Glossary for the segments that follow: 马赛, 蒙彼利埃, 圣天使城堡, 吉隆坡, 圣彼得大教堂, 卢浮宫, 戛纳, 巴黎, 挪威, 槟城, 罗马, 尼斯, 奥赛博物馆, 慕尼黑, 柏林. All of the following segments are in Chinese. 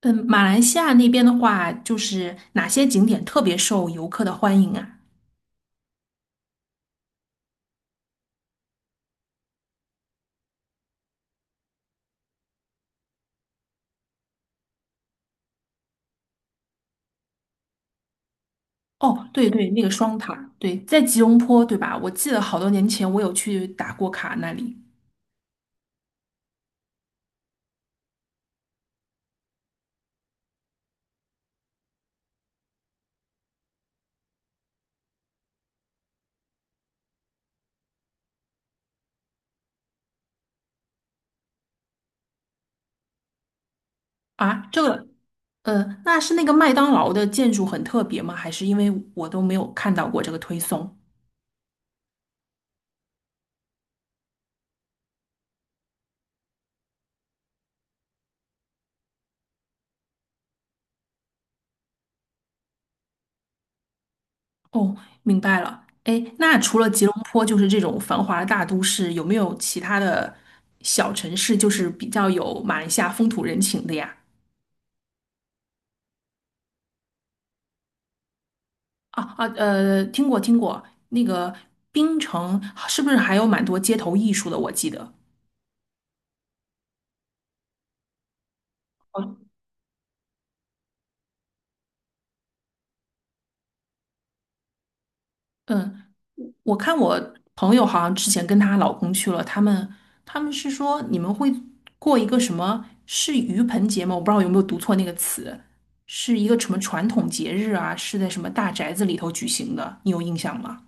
嗯，马来西亚那边的话，就是哪些景点特别受游客的欢迎啊？哦，对对，那个双塔，对，在吉隆坡，对吧？我记得好多年前我有去打过卡那里啊。这个，那是那个麦当劳的建筑很特别吗？还是因为我都没有看到过这个推送？哦，明白了。哎，那除了吉隆坡，就是这种繁华的大都市，有没有其他的小城市，就是比较有马来西亚风土人情的呀？听过听过，那个槟城是不是还有蛮多街头艺术的？我记得，哦嗯，我看我朋友好像之前跟她老公去了，他们是说你们会过一个什么是盂盆节吗？我不知道有没有读错那个词，是一个什么传统节日啊？是在什么大宅子里头举行的？你有印象吗？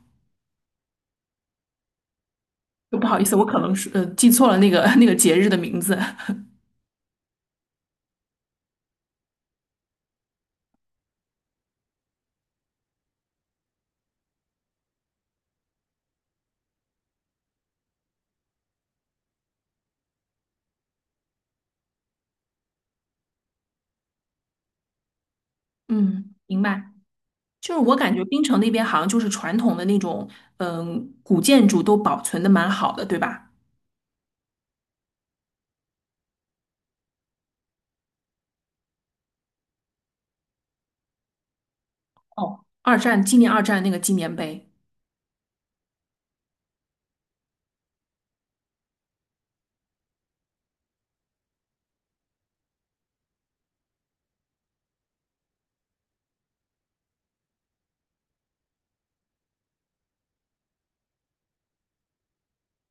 不好意思，我可能是记错了那个 那个节日的名字。嗯，明白。就是我感觉槟城那边好像就是传统的那种，嗯，古建筑都保存的蛮好的，对吧？哦，二战纪念二战那个纪念碑。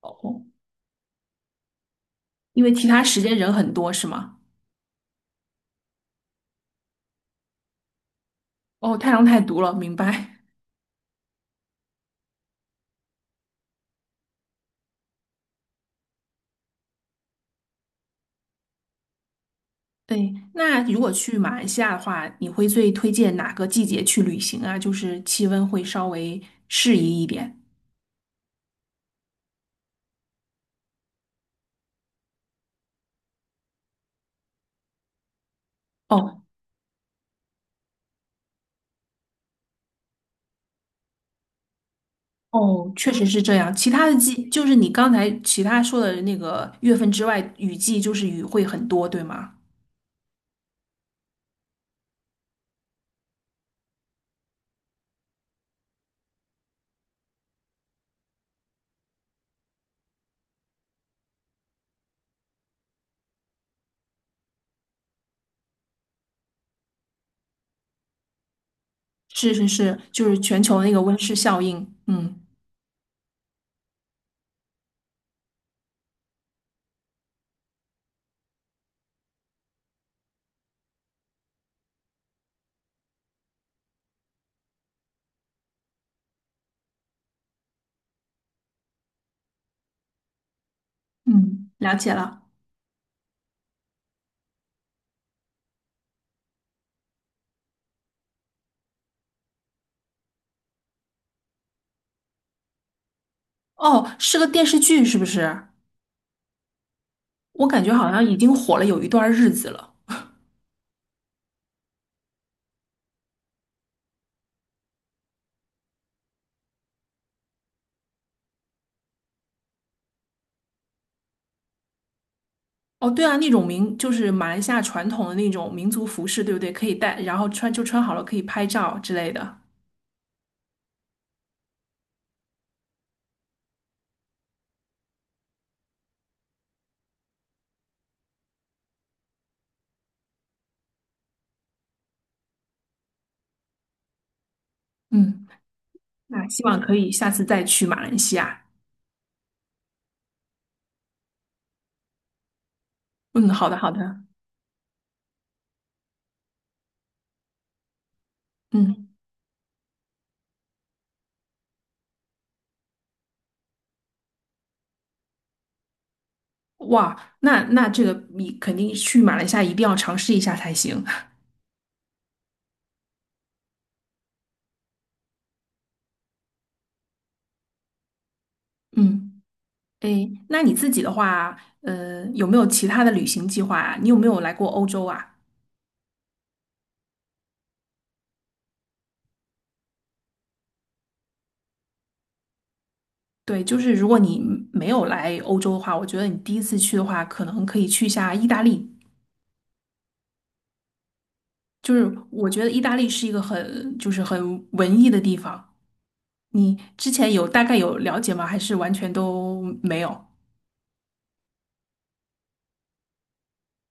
哦，因为其他时间人很多，是吗？哦，太阳太毒了，明白。对，那如果去马来西亚的话，你会最推荐哪个季节去旅行啊？就是气温会稍微适宜一点。哦哦，确实是这样。其他的季，就是你刚才其他说的那个月份之外，雨季就是雨会很多，对吗？是是是，就是全球那个温室效应。嗯嗯，了解了。哦，是个电视剧是不是？我感觉好像已经火了有一段日子了。哦，对啊，那种民就是马来西亚传统的那种民族服饰，对不对？可以带，然后穿就穿好了，可以拍照之类的。嗯，那希望可以下次再去马来西亚。嗯，好的好的。嗯，哇，那那这个你肯定去马来西亚一定要尝试一下才行。嗯。诶，那你自己的话，有没有其他的旅行计划啊？你有没有来过欧洲啊？对，就是如果你没有来欧洲的话，我觉得你第一次去的话，可能可以去一下意大利。就是我觉得意大利是一个很，就是很文艺的地方。你之前有大概有了解吗？还是完全都没有？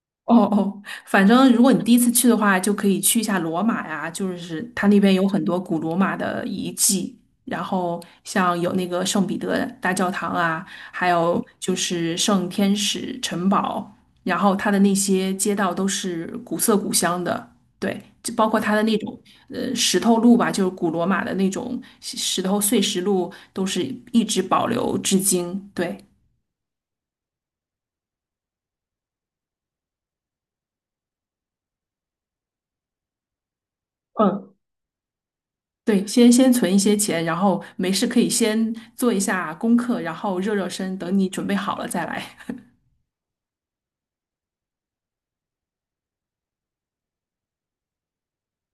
哦哦，反正如果你第一次去的话，就可以去一下罗马呀，就是它那边有很多古罗马的遗迹，然后像有那个圣彼得大教堂啊，还有就是圣天使城堡，然后它的那些街道都是古色古香的，对，就包括它的那种石头路吧，就是古罗马的那种石头碎石路，都是一直保留至今，对。嗯，对，先存一些钱，然后没事可以先做一下功课，然后热热身，等你准备好了再来。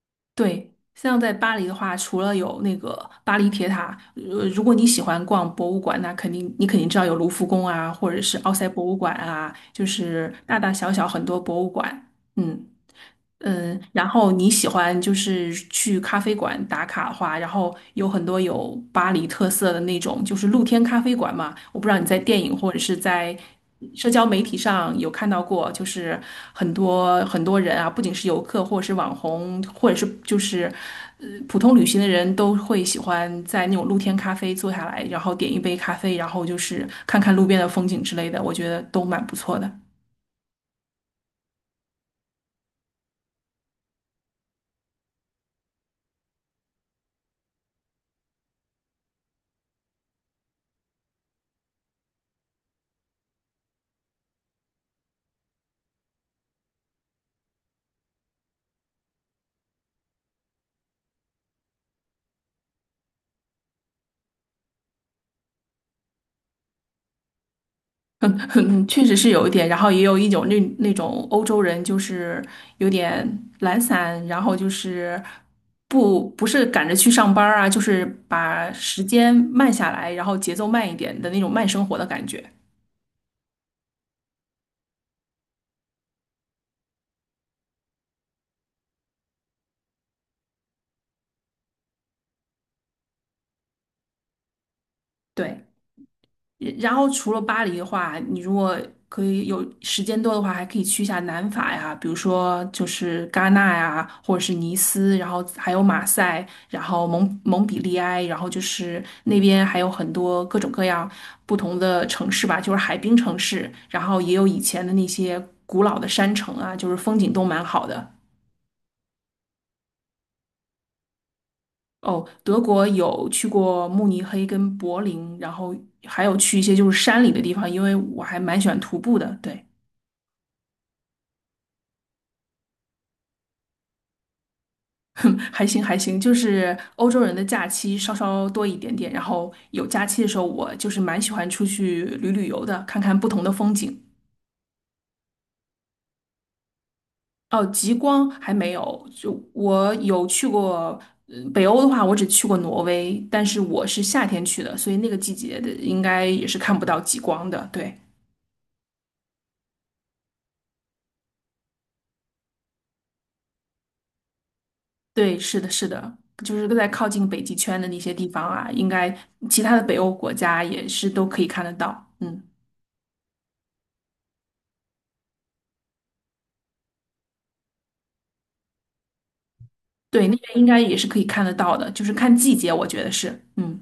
对，像在巴黎的话，除了有那个巴黎铁塔，如果你喜欢逛博物馆，那肯定知道有卢浮宫啊，或者是奥赛博物馆啊，就是大大小小很多博物馆。嗯。嗯，然后你喜欢就是去咖啡馆打卡的话，然后有很多有巴黎特色的那种，就是露天咖啡馆嘛。我不知道你在电影或者是在社交媒体上有看到过，就是很多很多人啊，不仅是游客或者是网红，或者是就是普通旅行的人都会喜欢在那种露天咖啡坐下来，然后点一杯咖啡，然后就是看看路边的风景之类的，我觉得都蛮不错的。嗯，确实是有一点，然后也有一种那那种欧洲人，就是有点懒散，然后就是不是赶着去上班儿啊，就是把时间慢下来，然后节奏慢一点的那种慢生活的感觉。对。然后除了巴黎的话，你如果可以有时间多的话，还可以去一下南法呀，比如说就是戛纳呀，或者是尼斯，然后还有马赛，然后蒙彼利埃，然后就是那边还有很多各种各样不同的城市吧，就是海滨城市，然后也有以前的那些古老的山城啊，就是风景都蛮好的。哦，德国有去过慕尼黑跟柏林，然后还有去一些就是山里的地方，因为我还蛮喜欢徒步的，对。还行还行，就是欧洲人的假期稍稍多一点点，然后有假期的时候，我就是蛮喜欢出去旅旅游的，看看不同的风景。哦，极光还没有，就我有去过，北欧的话，我只去过挪威，但是我是夏天去的，所以那个季节的应该也是看不到极光的。对对，是的，是的，就是在靠近北极圈的那些地方啊，应该其他的北欧国家也是都可以看得到。嗯。对，那边应该也是可以看得到的，就是看季节，我觉得是，嗯，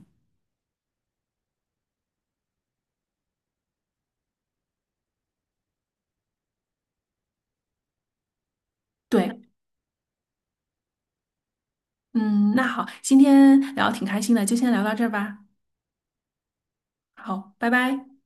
对，嗯，那好，今天聊得挺开心的，就先聊到这儿吧，好，拜拜。